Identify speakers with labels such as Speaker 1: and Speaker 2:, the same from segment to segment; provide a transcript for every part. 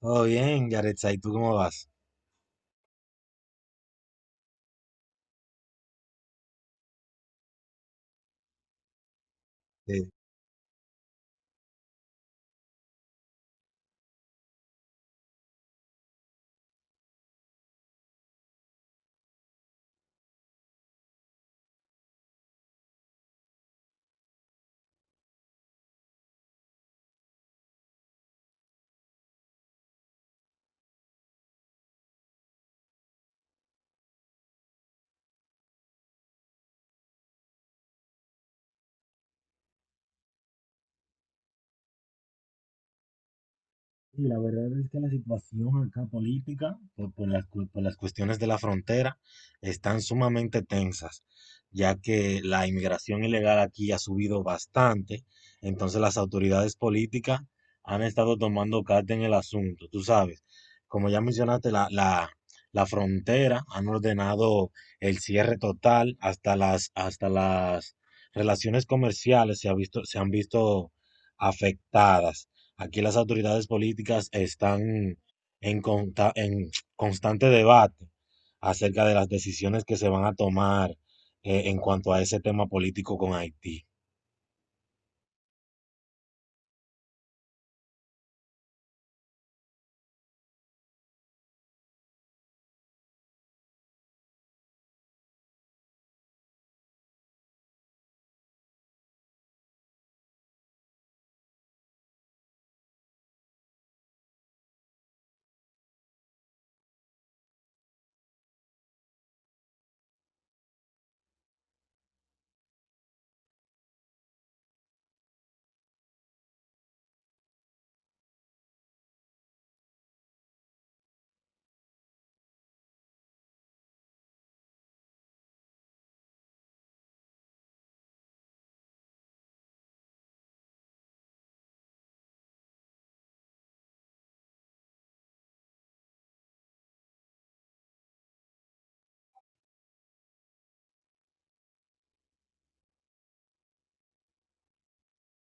Speaker 1: Todo bien, Yaretza, ¿y tú cómo vas? Eh, Y la verdad es que la situación acá política, por las cuestiones de la frontera, están sumamente tensas, ya que la inmigración ilegal aquí ha subido bastante, entonces las autoridades políticas han estado tomando carta en el asunto, tú sabes. Como ya mencionaste, la frontera han ordenado el cierre total hasta las relaciones comerciales se han visto afectadas. Aquí las autoridades políticas están en constante debate acerca de las decisiones que se van a tomar en cuanto a ese tema político con Haití.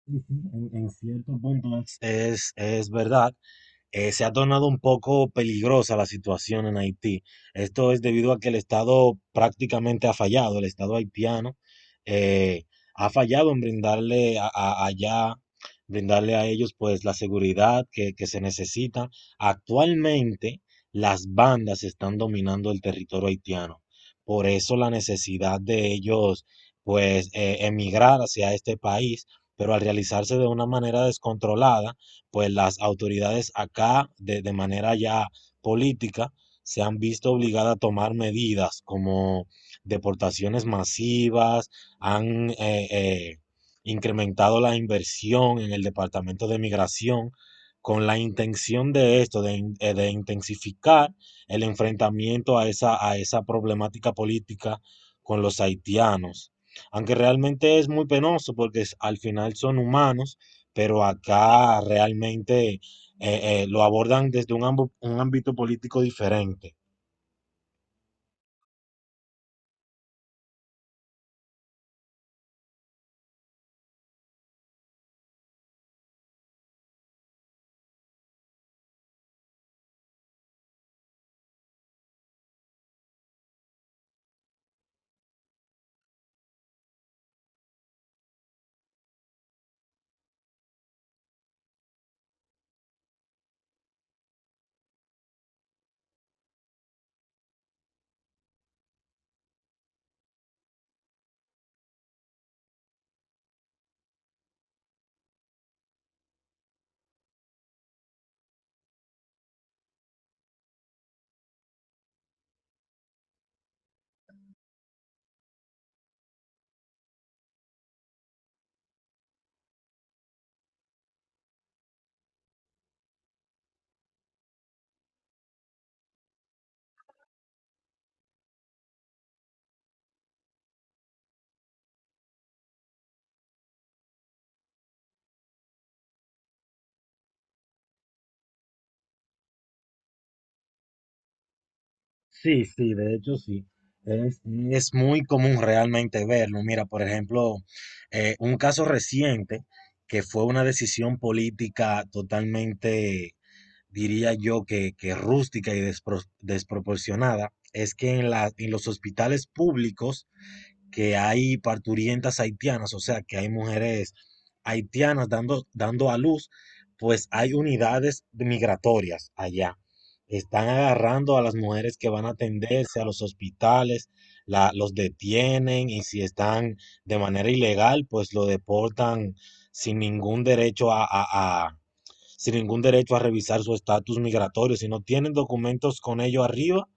Speaker 1: Sí, sí, en cierto punto es verdad, se ha tornado un poco peligrosa la situación en Haití. Esto es debido a que el Estado prácticamente ha fallado, el Estado haitiano eh, ha fallado en brindarle allá, brindarle a ellos pues la seguridad que se necesita. Actualmente las bandas están dominando el territorio haitiano. Por eso la necesidad de ellos pues emigrar hacia este país, pero al realizarse de una manera descontrolada, pues las autoridades acá, de manera ya política, se han visto obligadas a tomar medidas como deportaciones masivas, han incrementado la inversión en el Departamento de Migración con la intención de esto, de intensificar el enfrentamiento a esa problemática política con los haitianos. Aunque realmente es muy penoso porque es- al final son humanos, pero acá realmente lo abordan desde un, un ámbito político diferente. Sí, sí, de hecho sí. Es, es muy común realmente verlo. Mira, por ejemplo, un caso reciente que fue una decisión política totalmente, diría yo, que rústica y desproporcionada, es que en en los hospitales públicos, que hay parturientas haitianas, o sea, que hay mujeres haitianas dando, dando a luz, pues hay unidades migratorias allá. Están agarrando a las mujeres que van a atenderse a los hospitales, los detienen y si están de manera ilegal, pues lo deportan sin ningún derecho a- sin ningún derecho a revisar su estatus migratorio. Si no tienen documentos con ello arriba,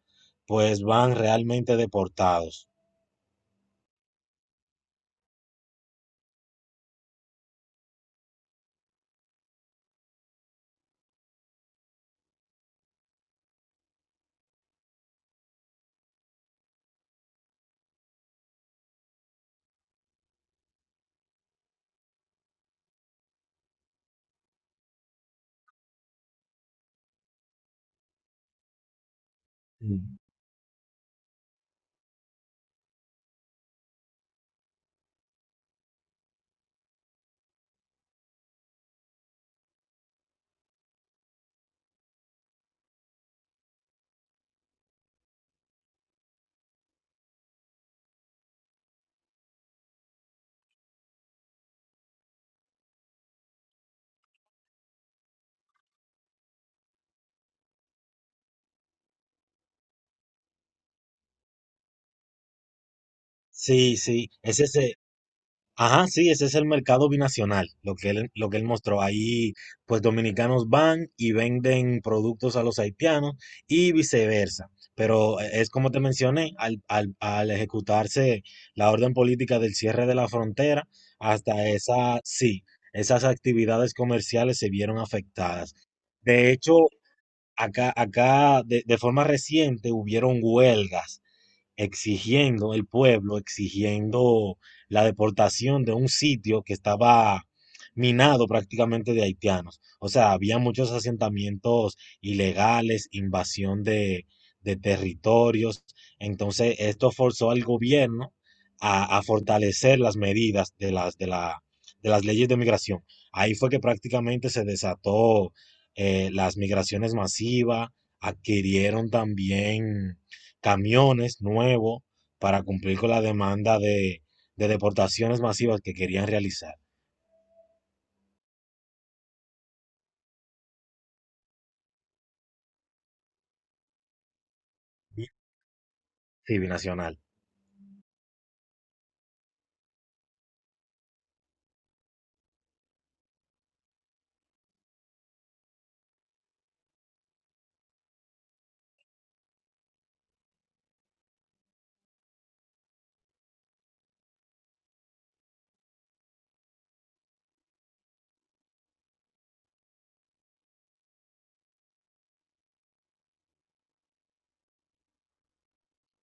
Speaker 1: pues van realmente deportados. Sí, sí, ese es ese, ajá, sí, ese es el mercado binacional, lo que él mostró. Ahí, pues dominicanos van y venden productos a los haitianos y viceversa. Pero es como te mencioné, al ejecutarse la orden política del cierre de la frontera, hasta esa, sí, esas actividades comerciales se vieron afectadas. De hecho, acá de forma reciente hubieron huelgas exigiendo el pueblo, exigiendo la deportación de un sitio que estaba minado prácticamente de haitianos. O sea, había muchos asentamientos ilegales, invasión de territorios. Entonces, esto forzó al gobierno a fortalecer las medidas de de las leyes de migración. Ahí fue que prácticamente se desató las migraciones masivas, adquirieron también camiones nuevos para cumplir con la demanda de deportaciones masivas que querían realizar. Sí, binacional.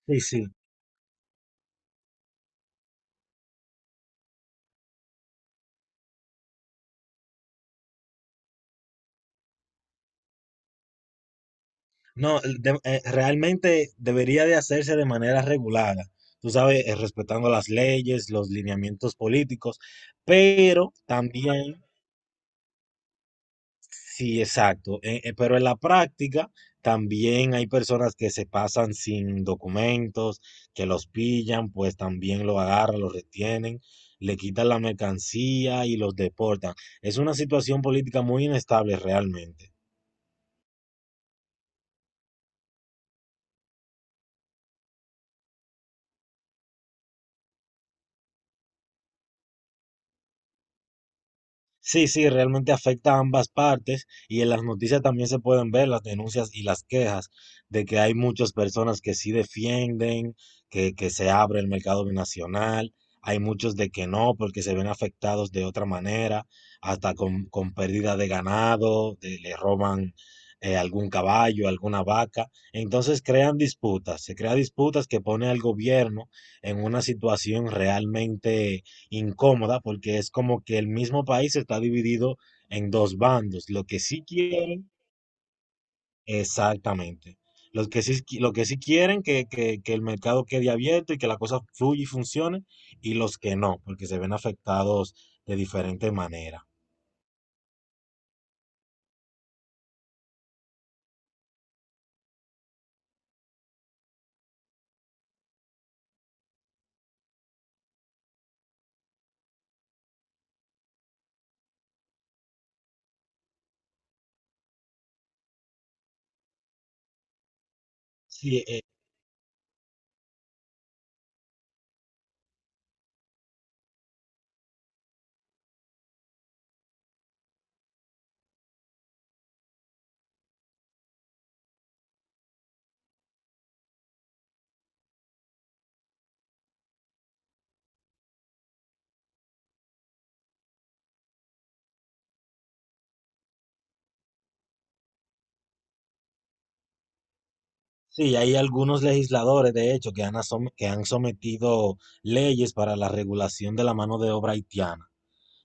Speaker 1: Sí, sí. No, realmente debería de hacerse de manera regulada, tú sabes, respetando las leyes, los lineamientos políticos, pero también. Sí, exacto. Pero en la práctica también hay personas que se pasan sin documentos, que los pillan, pues también lo agarran, lo retienen, le quitan la mercancía y los deportan. Es una situación política muy inestable realmente. Sí, sí, realmente afecta a ambas partes y en las noticias también se pueden ver las denuncias y las quejas de que hay muchas personas que sí defienden que se abre el mercado binacional, hay muchos de que no porque se ven afectados de otra manera, hasta con pérdida de ganado, le roban algún caballo, alguna vaca, entonces se crean disputas que pone al gobierno en una situación realmente incómoda porque es como que el mismo país está dividido en dos bandos, lo que sí quieren, exactamente, los que sí, lo que sí quieren que, que el mercado quede abierto y que la cosa fluya y funcione, y los que no, porque se ven afectados de diferente manera. Sí, eh, sí, hay algunos legisladores, de hecho, que han, que han sometido leyes para la regulación de la mano de obra haitiana.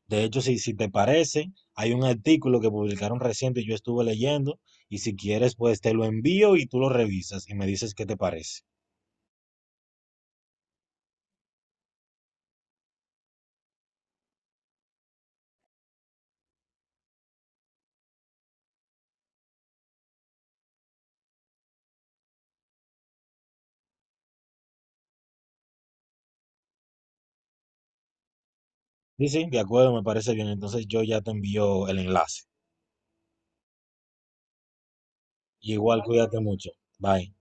Speaker 1: De hecho, si te parece, hay un artículo que publicaron reciente y yo estuve leyendo, y si quieres, pues te lo envío y tú lo revisas y me dices qué te parece. Sí, sí, de acuerdo, me parece bien. Entonces yo ya te envío el enlace. Igual cuídate mucho. Bye.